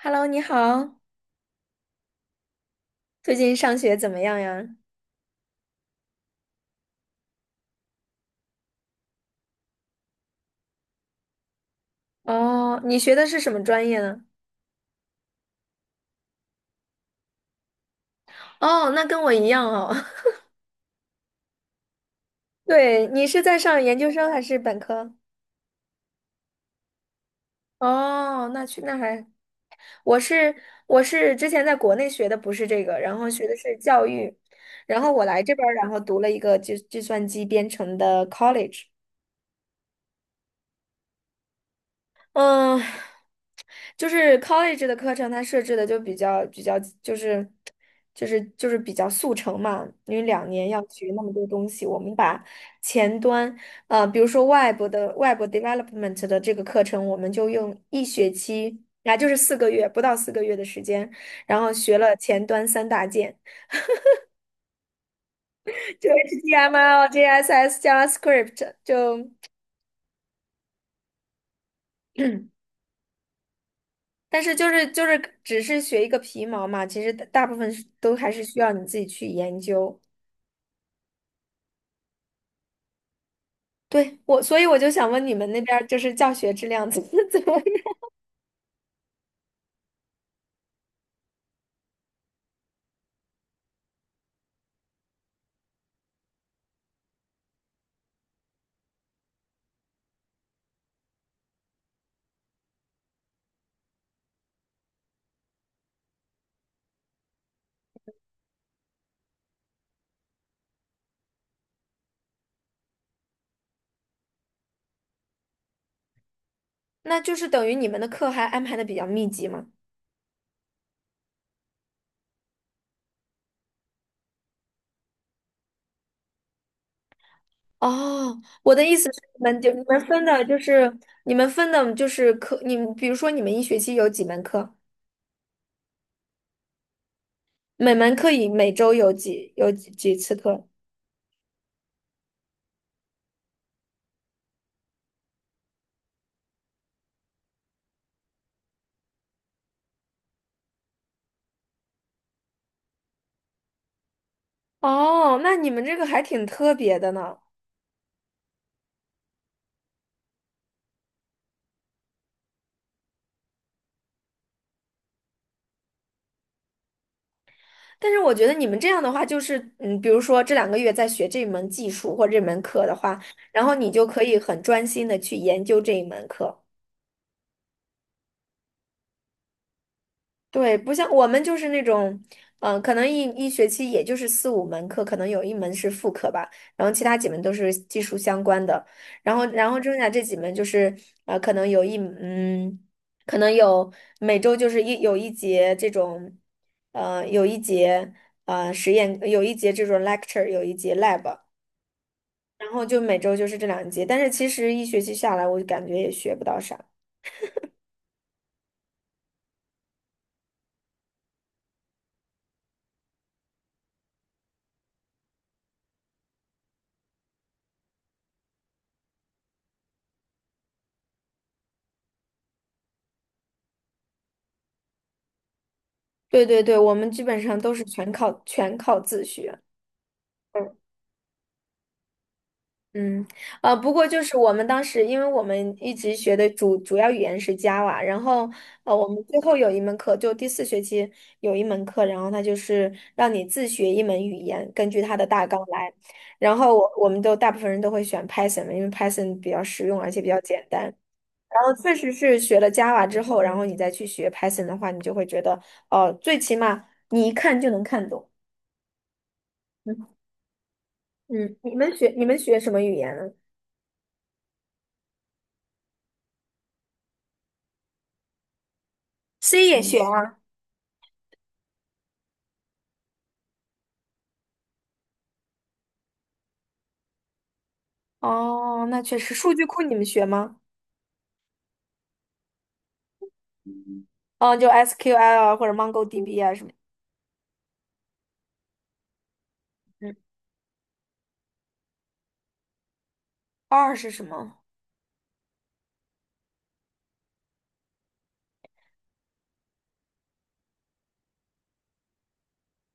Hello，你好，最近上学怎么样呀？哦，你学的是什么专业呢？哦，那跟我一样哦。对，你是在上研究生还是本科？哦，那去那还，我是我是之前在国内学的不是这个，然后学的是教育，然后我来这边儿，然后读了一个计算机编程的 college。嗯，就是 college 的课程，它设置的就比较，就是比较速成嘛，因为2年要学那么多东西，我们把前端，比如说 Web development 的这个课程，我们就用一学期，啊，就是四个月，不到四个月的时间，然后学了前端三大件，就 HTML、JSS、JavaScript，就但是就是就是只是学一个皮毛嘛，其实大部分是都还是需要你自己去研究。对，所以我就想问你们那边儿就是教学质量怎么 怎么样？那就是等于你们的课还安排的比较密集吗？哦，我的意思是，你们分的就是课，你们比如说你们一学期有几门课，每门课以每周有几次课？哦，那你们这个还挺特别的呢。但是我觉得你们这样的话，就是比如说这2个月在学这门技术或这门课的话，然后你就可以很专心的去研究这一门课。对，不像我们就是那种，可能一学期也就是四五门课，可能有一门是副课吧，然后其他几门都是技术相关的，然后剩下这几门就是，可能有一嗯，可能有每周就是一节这种，有一节实验，有一节这种 lecture，有一节 lab，然后就每周就是这两节，但是其实一学期下来，我就感觉也学不到啥。对对对，我们基本上都是全靠自学。嗯。嗯，不过就是我们当时，因为我们一直学的主要语言是 Java，然后我们最后有一门课，就第四学期有一门课，然后它就是让你自学一门语言，根据它的大纲来。然后我们都大部分人都会选 Python 嘛因为 Python 比较实用，而且比较简单。然后确实是学了 Java 之后，然后你再去学 Python 的话，你就会觉得，哦、最起码你一看就能看懂。嗯嗯，你们学什么语言呢？C 也学啊。哦，那确实，数据库你们学吗？嗯，就 SQL 啊，或者 MongoDB 啊什么。嗯，R 是什么？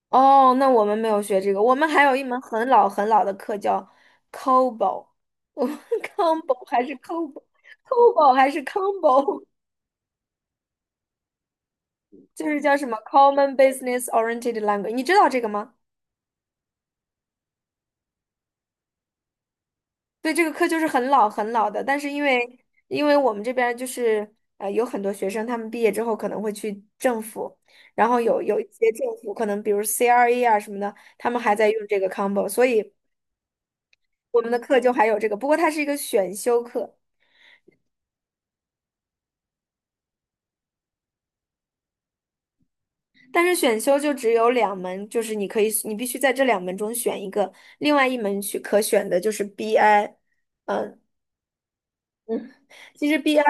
哦，那我们没有学这个，我们还有一门很老很老的课叫 COBOL，我们 COBOL 还是 COBOL，COBOL 还是 COBOL，就是叫什么 Common Business Oriented Language，你知道这个吗？对，这个课就是很老很老的，但是因为我们这边儿就是有很多学生，他们毕业之后可能会去政府，然后有一些政府可能比如 CRE 啊什么的，他们还在用这个 combo，所以我们的课就还有这个，不过它是一个选修课，但是选修就只有两门，就是你可以你必须在这两门中选一个，另外一门去可选的就是 BI，嗯嗯，其实 BI。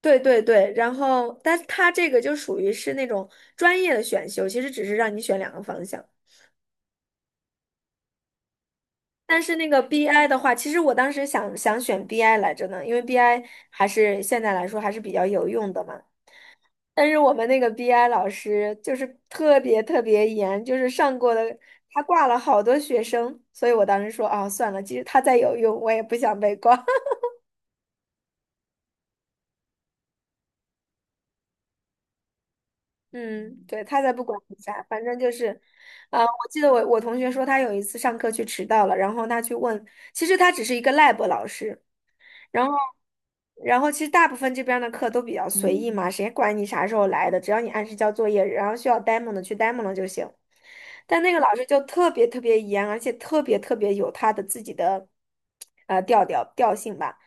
对对对，然后，但它这个就属于是那种专业的选修，其实只是让你选两个方向。但是那个 BI 的话，其实我当时想想选 BI 来着呢，因为 BI 还是现在来说还是比较有用的嘛。但是我们那个 BI 老师就是特别特别严，就是上过的，他挂了好多学生，所以我当时说啊，算了，其实他再有用，我也不想被挂。嗯，对，他才不管你啥，反正就是，啊、我记得我同学说他有一次上课去迟到了，然后他去问，其实他只是一个 lab 老师，然后，然后，其实大部分这边儿的课都比较随意嘛，谁管你啥时候来的，只要你按时交作业，然后需要 demo 的去 demo 了就行。但那个老师就特别特别严，而且特别特别有他的自己的调性吧。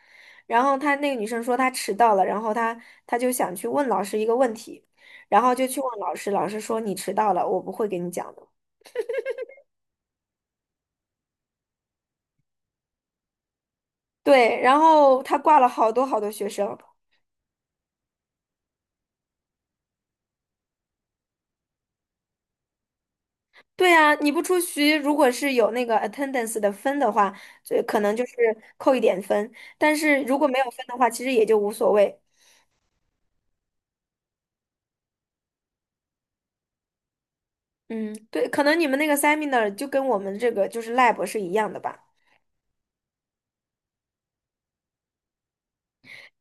然后他那个女生说她迟到了，然后她就想去问老师一个问题，然后就去问老师，老师说你迟到了，我不会给你讲的。对，然后他挂了好多好多学生，对啊，你不出席，如果是有那个 attendance 的分的话，就可能就是扣一点分，但是如果没有分的话，其实也就无所谓。嗯，对，可能你们那个 seminar 就跟我们这个就是 lab 是一样的吧？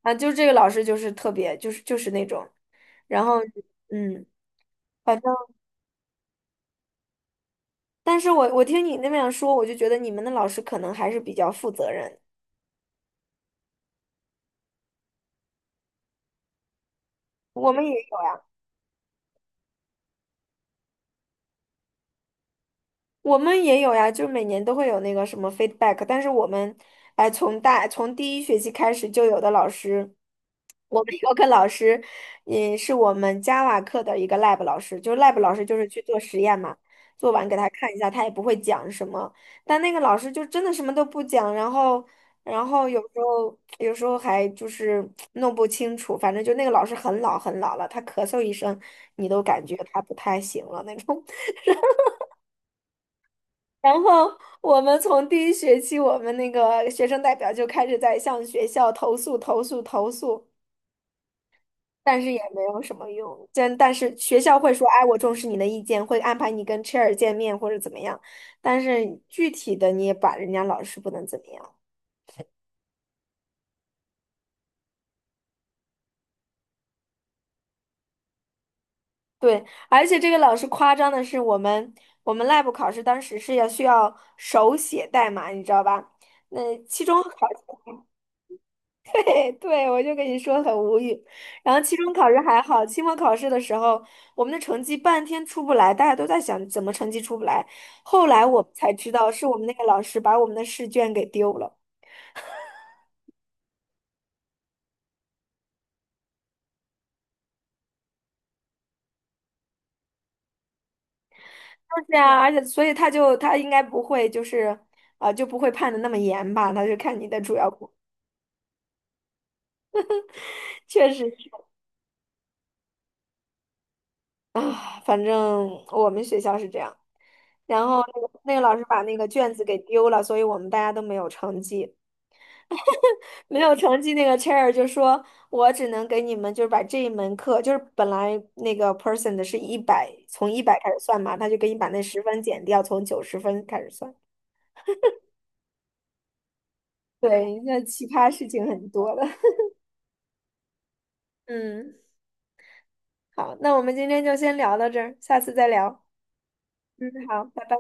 啊，就是这个老师就是特别，就是那种，然后嗯，反正，但是我你那么样说，我就觉得你们的老师可能还是比较负责任，我们也有呀。我们也有呀，就是每年都会有那个什么 feedback，但是我们，哎，从第一学期开始就有的老师，我们有个老师，也是我们 Java 课的一个 lab 老师，就是 lab 老师就是去做实验嘛，做完给他看一下，他也不会讲什么，但那个老师就真的什么都不讲，然后有时候还就是弄不清楚，反正就那个老师很老很老了，他咳嗽一声，你都感觉他不太行了那种。然后我们从第一学期，我们那个学生代表就开始在向学校投诉、投诉、投诉，但是也没有什么用。但是学校会说，哎，我重视你的意见，会安排你跟 chair 见面或者怎么样。但是具体的你也把人家老师不能怎么样。对，而且这个老师夸张的是，我们 lab 考试当时需要手写代码，你知道吧？那期中考。对，对我就跟你说很无语。然后期中考试还好，期末考试的时候，我们的成绩半天出不来，大家都在想怎么成绩出不来。后来我们才知道，是我们那个老师把我们的试卷给丢了。就是啊，而且所以他应该不会就是，啊、就不会判的那么严吧？他就看你的主要功，确实是啊，反正我们学校是这样。然后那个老师把那个卷子给丢了，所以我们大家都没有成绩。没有成绩那个 chair 就说，我只能给你们就是把这一门课，就是本来那个 person 的是100，从一百开始算嘛，他就给你把那十分减掉，从90分开始算。对，那奇葩事情很多的。嗯，好，那我们今天就先聊到这儿，下次再聊。嗯，好，拜拜。